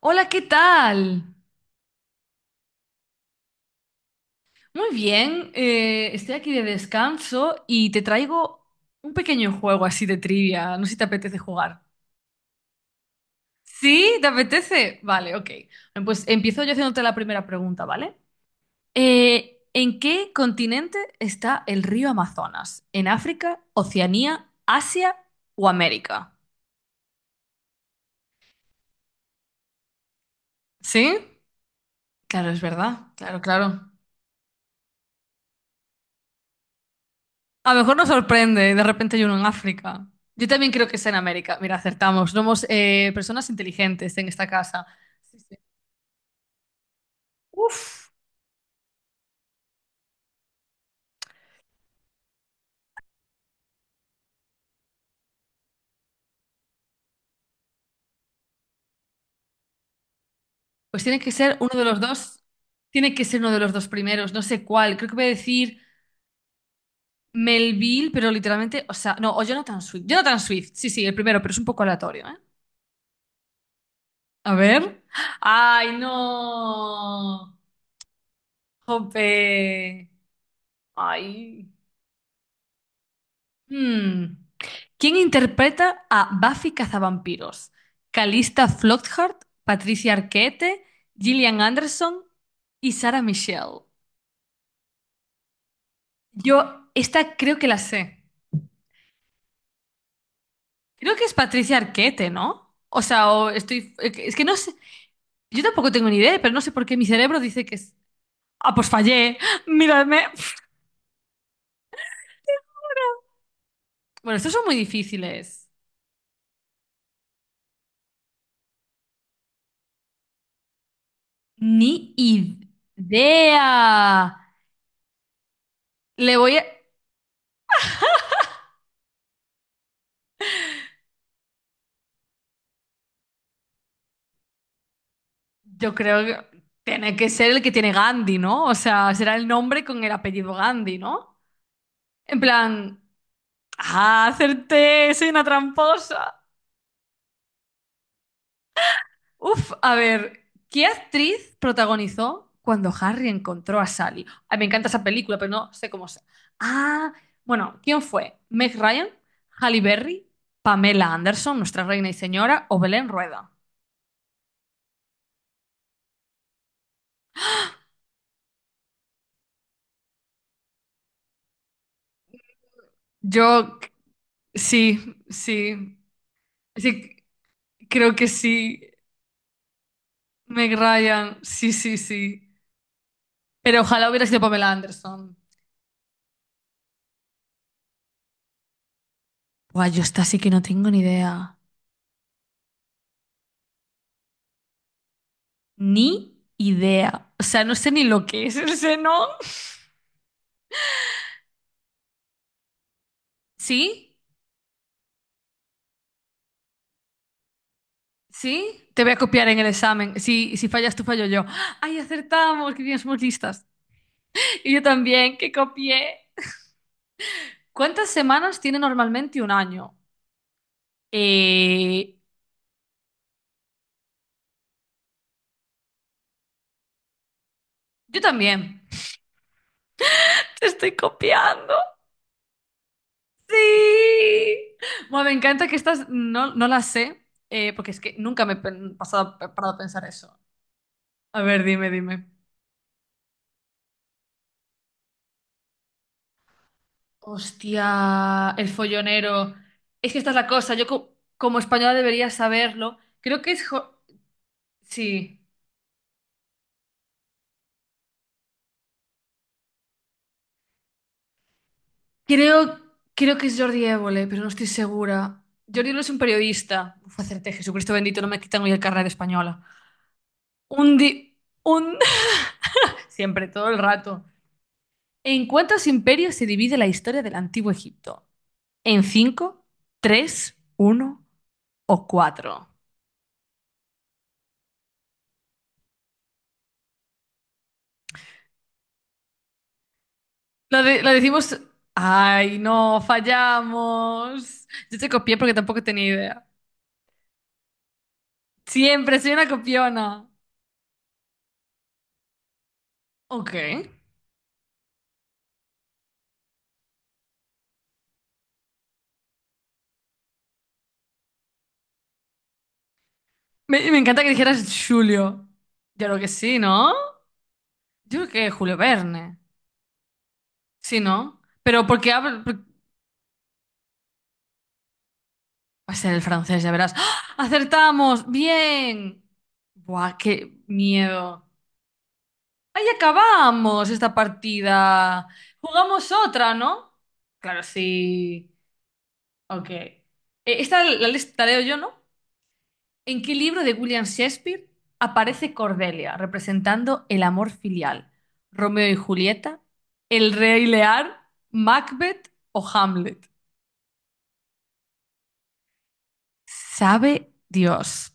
Hola, ¿qué tal? Muy bien, estoy aquí de descanso y te traigo un pequeño juego así de trivia. No sé si te apetece jugar. ¿Sí? ¿Te apetece? Vale, ok. Bueno, pues empiezo yo haciéndote la primera pregunta, ¿vale? ¿En qué continente está el río Amazonas? ¿En África, Oceanía, Asia o América? ¿Sí? Claro, es verdad. Claro, claro. A lo mejor nos sorprende, de repente hay uno en África. Yo también creo que es en América. Mira, acertamos. Somos personas inteligentes en esta casa. Sí, sí. Uf, pues tiene que ser uno de los dos. Tiene que ser uno de los dos primeros. No sé cuál. Creo que voy a decir Melville, pero literalmente, o sea, no, o Jonathan Swift. Jonathan Swift, sí, sí, el primero, pero es un poco aleatorio, ¿eh? A ver. ¡Ay, no! ¡Jope! ¡Ay! Hmm. ¿Quién interpreta a Buffy Cazavampiros? Calista Flockhart, Patricia Arquette, Gillian Anderson y Sarah Michelle. Yo esta creo que la sé. Creo que es Patricia Arquette, ¿no? O sea, o estoy... Es que no sé. Yo tampoco tengo ni idea, pero no sé por qué mi cerebro dice que es... Ah, pues fallé. Miradme. Bueno, estos son muy difíciles. Ni idea. Le voy a... Yo creo que tiene que ser el que tiene Gandhi, ¿no? O sea, será el nombre con el apellido Gandhi, ¿no? En plan, ah, acerté, soy una tramposa. Uf, a ver, ¿qué actriz protagonizó cuando Harry encontró a Sally? Ay, me encanta esa película, pero no sé cómo se. Ah, bueno, ¿quién fue? ¿Meg Ryan? ¿Halle Berry? ¿Pamela Anderson, nuestra reina y señora? ¿O Belén Rueda? Yo, c- sí, sí, sí, creo que sí. Meg Ryan, sí, sí, sí. Pero ojalá hubiera sido Pamela Anderson. Buah, yo esta sí que no tengo ni idea. Ni idea. O sea, no sé ni lo que es el seno. ¿Sí? ¿Sí? Te voy a copiar en el examen. Si, si fallas tú, fallo yo. ¡Ay, acertamos! ¡Qué bien, somos listas! Y yo también, que copié. ¿Cuántas semanas tiene normalmente un año? Eh, yo también. Te estoy copiando. Sí. Bueno, me encanta que estas no, no las sé, porque es que nunca pasado, he parado a pensar eso. A ver, dime, dime. Hostia, el follonero. Es que esta es la cosa. Como española debería saberlo. Creo que es... Jo- sí. Creo, creo que es Jordi Évole, pero no estoy segura. Jordi Évole es un periodista. Uf, acerté, Jesucristo bendito, no me quitan hoy el carnet de española. Un di... Un... Siempre, todo el rato. ¿En cuántos imperios se divide la historia del Antiguo Egipto? ¿En cinco, tres, uno o cuatro? Lo decimos... Ay, no, fallamos. Yo te copié porque tampoco tenía idea. Siempre soy una copiona. Ok. Me encanta que dijeras Julio. Yo creo que sí, ¿no? Yo creo que Julio Verne. Sí, ¿no? Pero porque hablo... por- Va a ser el francés, ya verás. ¡Ah! ¡Acertamos! ¡Bien! Buah, qué miedo. Ahí acabamos esta partida. Jugamos otra, ¿no? Claro, sí. Ok. ¿La leo yo, ¿no? ¿En qué libro de William Shakespeare aparece Cordelia representando el amor filial? ¿Romeo y Julieta? ¿El Rey Lear? ¿Macbeth o Hamlet? Sabe Dios.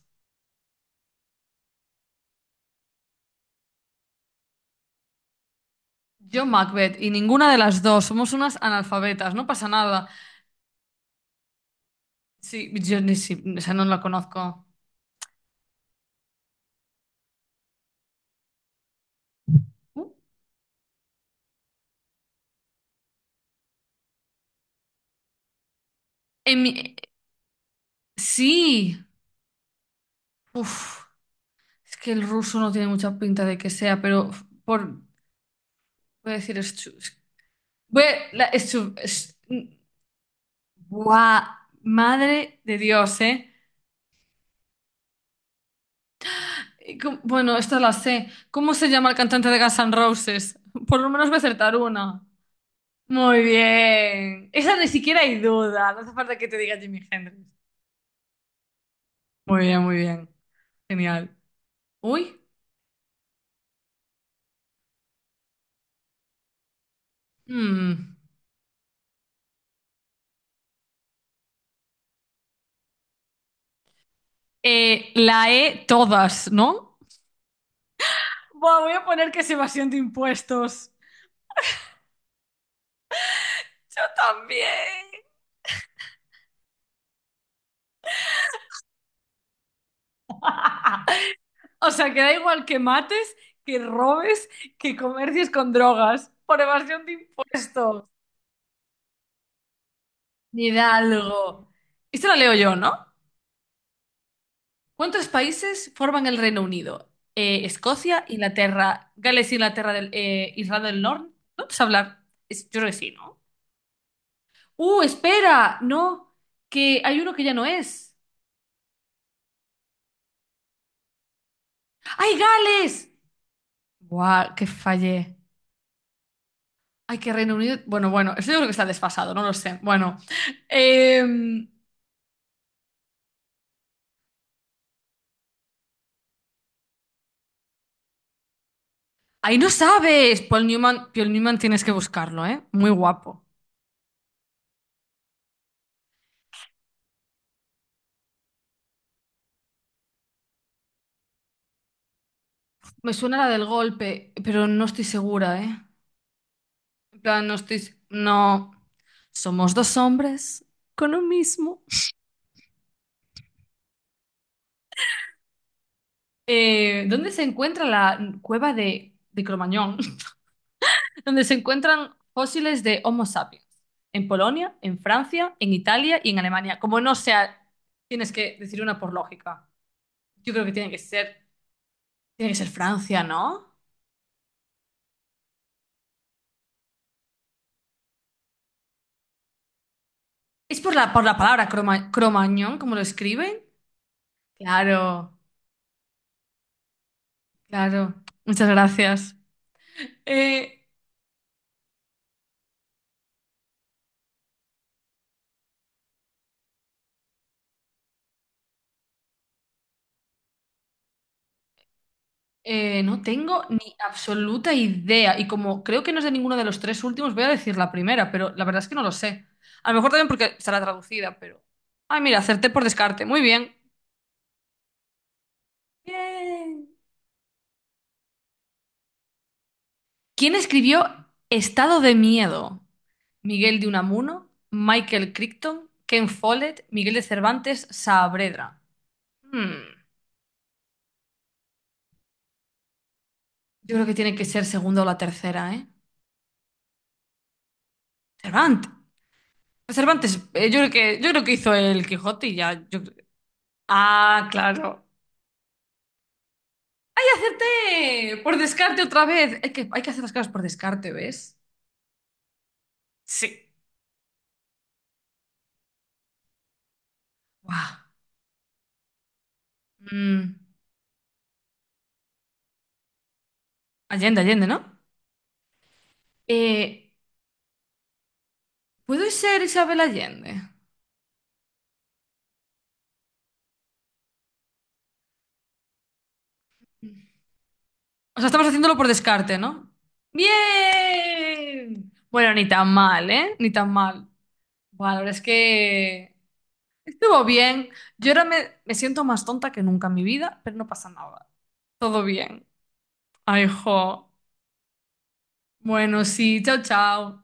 Yo Macbeth y ninguna de las dos. Somos unas analfabetas, no pasa nada. Sí, yo ni si, o sea, no la conozco. Uh, En mi- sí, uf, es que el ruso no tiene mucha pinta de que sea, pero por, voy a decir estu- voy a- la, estu- es- buah, madre de Dios, ¿eh? Y com- Bueno, esta la sé. ¿Cómo se llama el cantante de Guns N' Roses? Por lo menos voy a acertar una. Muy bien. Esa ni siquiera hay duda. No hace falta que te diga Jimi Hendrix. Muy bien, muy bien. Genial. Uy. Mm. La E todas, ¿no? Buah, voy a poner que es evasión de impuestos. Yo también. Ah, o sea, que da igual que mates, que robes, que comercies con drogas por evasión de impuestos. Hidalgo. Esto lo leo yo, ¿no? ¿Cuántos países forman el Reino Unido? Escocia, Inglaterra, Gales, Inglaterra, del, Irlanda del Norte. No te sé hablar. Es- yo creo que sí, ¿no? ¡Uh, espera! No, que hay uno que ya no es. ¡Ay, Gales! ¡Guau, que fallé! Ay, que Reino Unido. Bueno, bueno, eso yo creo que está desfasado, no lo sé. Bueno, em, ahí no sabes. Paul Newman, Paul Newman tienes que buscarlo, ¿eh? Muy guapo. Me suena la del golpe, pero no estoy segura, ¿eh? En plan, no estoy. No. Somos dos hombres con un mismo. ¿Dónde se encuentra la cueva de Cromañón? Donde se encuentran fósiles de Homo sapiens. En Polonia, en Francia, en Italia y en Alemania. Como no sea, tienes que decir una por lógica. Yo creo que tiene que ser Francia, ¿no? Es por la palabra croma- cromañón, como lo escriben. Claro, claro. Muchas gracias. Eh, no tengo ni absoluta idea. Y como creo que no es de ninguno de los tres últimos, voy a decir la primera, pero la verdad es que no lo sé. A lo mejor también porque estará traducida, pero. Ay, mira, acerté por descarte. Muy bien. Bien. ¿Quién escribió Estado de Miedo? Miguel de Unamuno, Michael Crichton, Ken Follett, Miguel de Cervantes, Saavedra. Hmm, yo creo que tiene que ser segunda o la tercera, ¿eh? Cervantes. Cervantes, yo creo que hizo el Quijote y ya. yo- Ah, claro. ¡Y acerté! Por descarte otra vez. Hay que hacer las cosas por descarte, ¿ves? Sí. Guau. Mm, Allende, Allende, ¿no? Eh, ¿Puedo ser Isabel Allende? O sea, estamos haciéndolo por descarte, ¿no? ¡Bien! Bueno, ni tan mal, ¿eh? Ni tan mal. Bueno, la verdad es que estuvo bien. Yo ahora me, me siento más tonta que nunca en mi vida, pero no pasa nada. Todo bien. Ay, jo. Bueno, sí, chao, chao.